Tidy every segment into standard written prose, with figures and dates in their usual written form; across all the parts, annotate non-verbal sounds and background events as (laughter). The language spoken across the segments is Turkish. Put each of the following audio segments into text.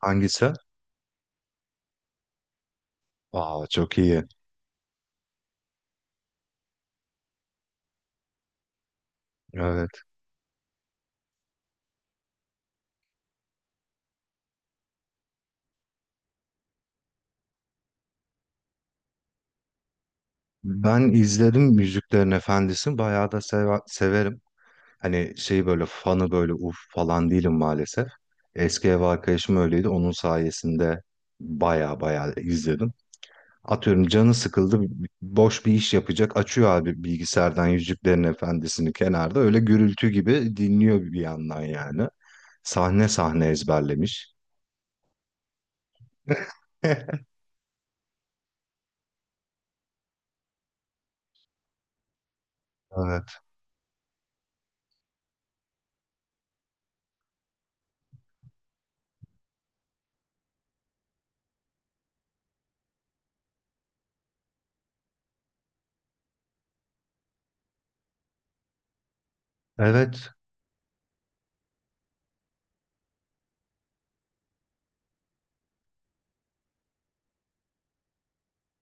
Hangisi? Aa çok iyi. Evet. Ben izledim Müziklerin Efendisi'ni. Bayağı da severim. Hani şey böyle fanı böyle uf falan değilim maalesef. Eski ev arkadaşım öyleydi. Onun sayesinde bayağı bayağı izledim. Atıyorum canı sıkıldı. Boş bir iş yapacak. Açıyor abi bilgisayardan Yüzüklerin Efendisi'ni kenarda. Öyle gürültü gibi dinliyor bir yandan yani. Sahne sahne ezberlemiş. (laughs) Evet. Evet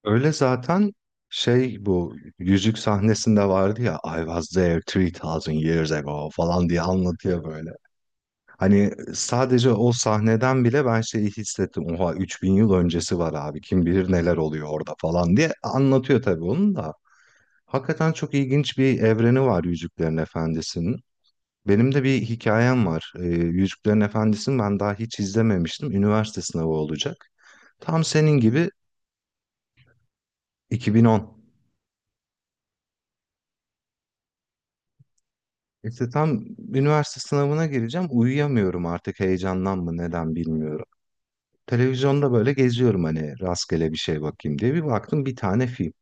Öyle zaten, şey bu yüzük sahnesinde vardı ya, I was there 3000 years ago falan diye anlatıyor böyle. Hani sadece o sahneden bile ben şeyi hissettim. Oha 3000 yıl öncesi var abi, kim bilir neler oluyor orada falan diye anlatıyor tabii onun da. Hakikaten çok ilginç bir evreni var Yüzüklerin Efendisi'nin. Benim de bir hikayem var. Yüzüklerin Efendisi'ni ben daha hiç izlememiştim. Üniversite sınavı olacak. Tam senin gibi 2010. İşte tam üniversite sınavına gireceğim. Uyuyamıyorum artık, heyecandan mı neden bilmiyorum. Televizyonda böyle geziyorum hani rastgele bir şey bakayım diye. Bir baktım bir tane film.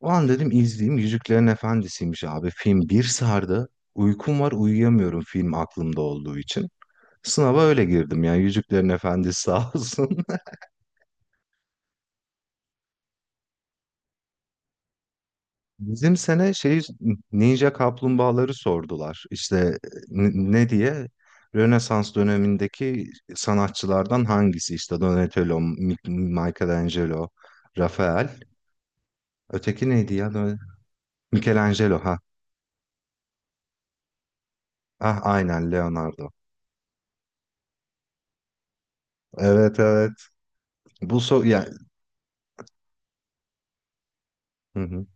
O an dedim izleyeyim. Yüzüklerin Efendisi'ymiş abi. Film bir sardı. Uykum var uyuyamıyorum film aklımda olduğu için. Sınava öyle girdim yani Yüzüklerin Efendisi (laughs) sağ olsun. Bizim sene şey, Ninja Kaplumbağaları sordular. İşte ne diye? Rönesans dönemindeki sanatçılardan hangisi? İşte Donatello, Michelangelo, Rafael. Öteki neydi ya? Michelangelo ha. Ah aynen Leonardo. Evet evet. Bu so ya, hı hı.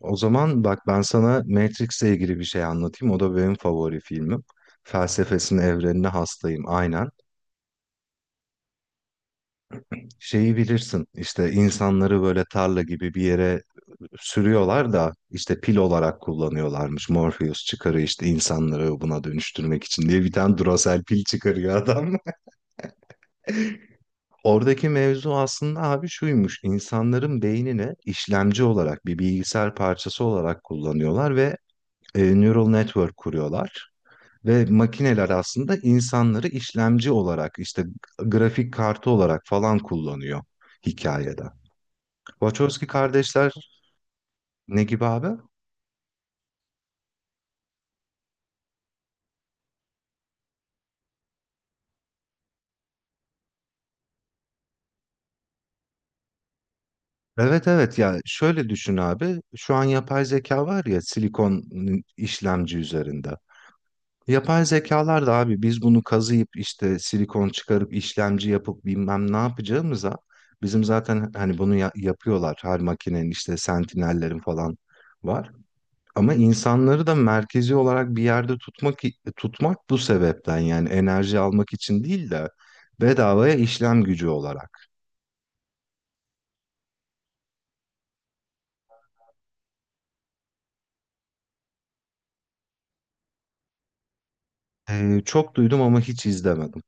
O zaman bak ben sana Matrix'le ilgili bir şey anlatayım. O da benim favori filmim. Felsefesine, evrenine hastayım. Aynen. Şeyi bilirsin işte, insanları böyle tarla gibi bir yere sürüyorlar da işte pil olarak kullanıyorlarmış. Morpheus çıkarıyor işte, insanları buna dönüştürmek için diye bir tane Duracell pil çıkarıyor adam. (laughs) Oradaki mevzu aslında abi şuymuş. İnsanların beynini işlemci olarak, bir bilgisayar parçası olarak kullanıyorlar ve neural network kuruyorlar. Ve makineler aslında insanları işlemci olarak işte grafik kartı olarak falan kullanıyor hikayede. Wachowski kardeşler. Ne gibi abi? Evet evet, ya şöyle düşün abi. Şu an yapay zeka var ya silikon, işlemci üzerinde. Yapay zekalar da abi, biz bunu kazıyıp işte silikon çıkarıp işlemci yapıp bilmem ne yapacağımıza bizim zaten hani bunu yapıyorlar. Her makinenin işte sentinellerin falan var. Ama insanları da merkezi olarak bir yerde tutmak, bu sebepten yani, enerji almak için değil de bedavaya işlem gücü olarak. Çok duydum ama hiç izlemedim.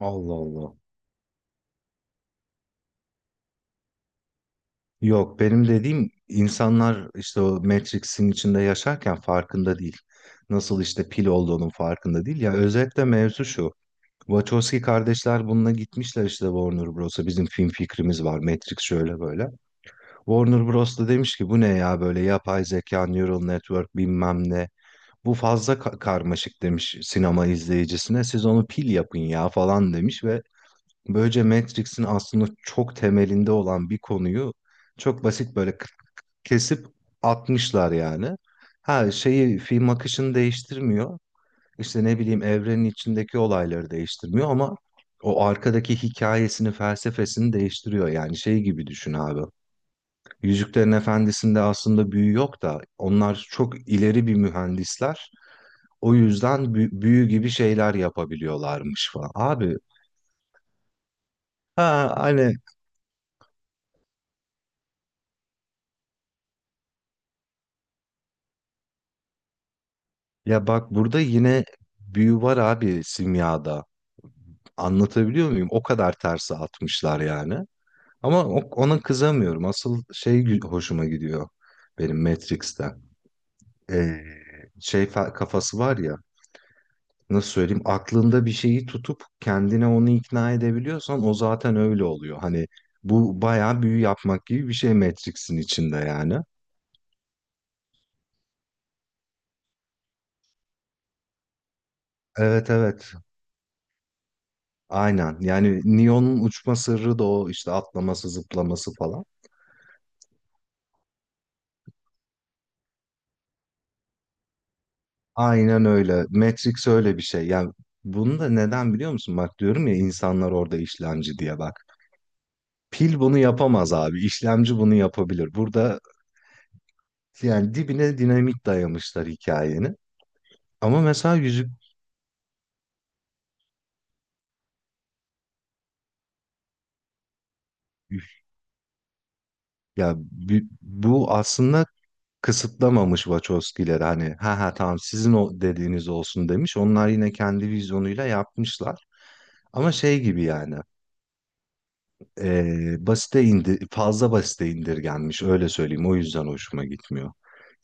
Allah Allah. Yok, benim dediğim insanlar işte o Matrix'in içinde yaşarken farkında değil. Nasıl işte pil olduğunun farkında değil. Ya özetle mevzu şu. Wachowski kardeşler bununla gitmişler işte Warner Bros'a. Bizim film fikrimiz var. Matrix şöyle böyle. Warner Bros da demiş ki bu ne ya, böyle yapay zeka, neural network bilmem ne. Bu fazla karmaşık demiş sinema izleyicisine. Siz onu pil yapın ya falan demiş, ve böylece Matrix'in aslında çok temelinde olan bir konuyu çok basit böyle kesip atmışlar yani. Ha şeyi, film akışını değiştirmiyor. İşte ne bileyim evrenin içindeki olayları değiştirmiyor ama o arkadaki hikayesini, felsefesini değiştiriyor. Yani şey gibi düşün abi. Yüzüklerin Efendisi'nde aslında büyü yok da onlar çok ileri bir mühendisler. O yüzden büyü gibi şeyler yapabiliyorlarmış falan. Abi ha hani, ya bak burada yine büyü var abi simyada. Anlatabiliyor muyum? O kadar terse atmışlar yani. Ama ona kızamıyorum. Asıl şey hoşuma gidiyor benim Matrix'te. Ee, Şey kafası var ya. Nasıl söyleyeyim? Aklında bir şeyi tutup kendine onu ikna edebiliyorsan o zaten öyle oluyor. Hani bu bayağı büyü yapmak gibi bir şey Matrix'in içinde yani. Evet evet. Aynen. Yani Neo'nun uçma sırrı da o işte, atlaması, zıplaması falan. Aynen öyle. Matrix öyle bir şey. Yani bunu da neden biliyor musun? Bak diyorum ya, insanlar orada işlemci diye bak. Pil bunu yapamaz abi. İşlemci bunu yapabilir. Burada yani dibine dinamit dayamışlar hikayenin. Ama mesela yüzük, ya bu aslında kısıtlamamış Wachowski'leri hani, ha ha tamam sizin o dediğiniz olsun demiş. Onlar yine kendi vizyonuyla yapmışlar. Ama şey gibi yani, e, basite indi fazla basite indirgenmiş öyle söyleyeyim, o yüzden hoşuma gitmiyor.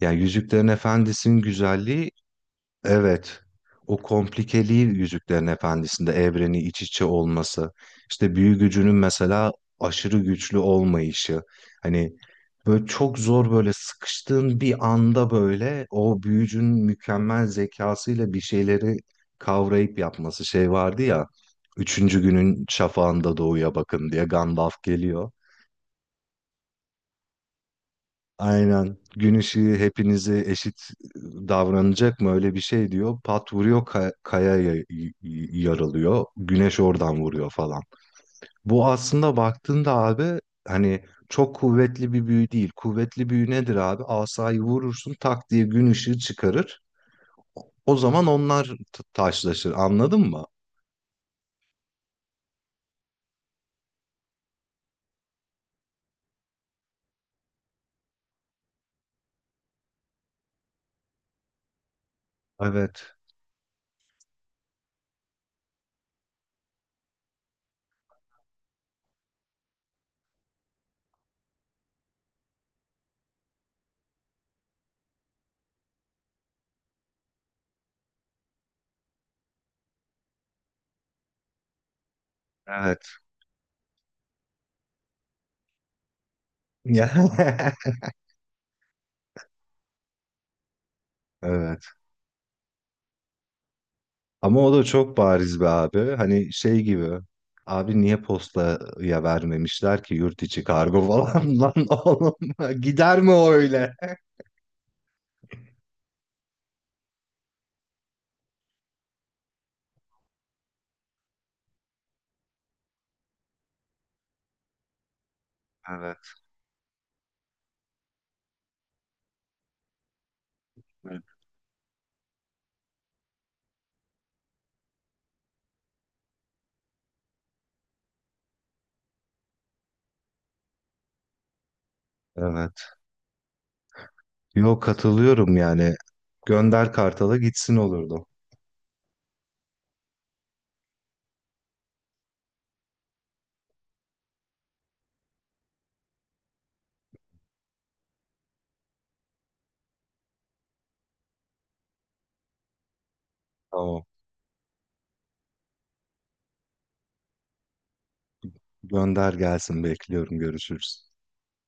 Yani Yüzüklerin Efendisi'nin güzelliği. Evet. O komplikeliği, Yüzüklerin Efendisi'nde evreni iç içe olması, işte büyü gücünün mesela aşırı güçlü olmayışı, hani böyle çok zor, böyle sıkıştığın bir anda böyle o büyücünün mükemmel zekasıyla bir şeyleri kavrayıp yapması. Şey vardı ya, üçüncü günün şafağında doğuya bakın diye Gandalf geliyor. Aynen. Gün ışığı hepinize eşit davranacak mı? Öyle bir şey diyor. Pat vuruyor kaya yarılıyor. Güneş oradan vuruyor falan. Bu aslında baktığında abi hani çok kuvvetli bir büyü değil. Kuvvetli büyü nedir abi? Asayı vurursun tak diye gün ışığı çıkarır. O zaman onlar taşlaşır. Anladın mı? Evet. Evet. (laughs) Evet. Ama o da çok bariz be abi. Hani şey gibi. Abi niye postaya vermemişler ki, yurt içi kargo falan (laughs) lan oğlum. Gider mi o öyle? Evet. Evet. Evet. Yok, katılıyorum yani. Gönder Kartal'a gitsin olurdu. Tamam. Gönder gelsin bekliyorum, görüşürüz.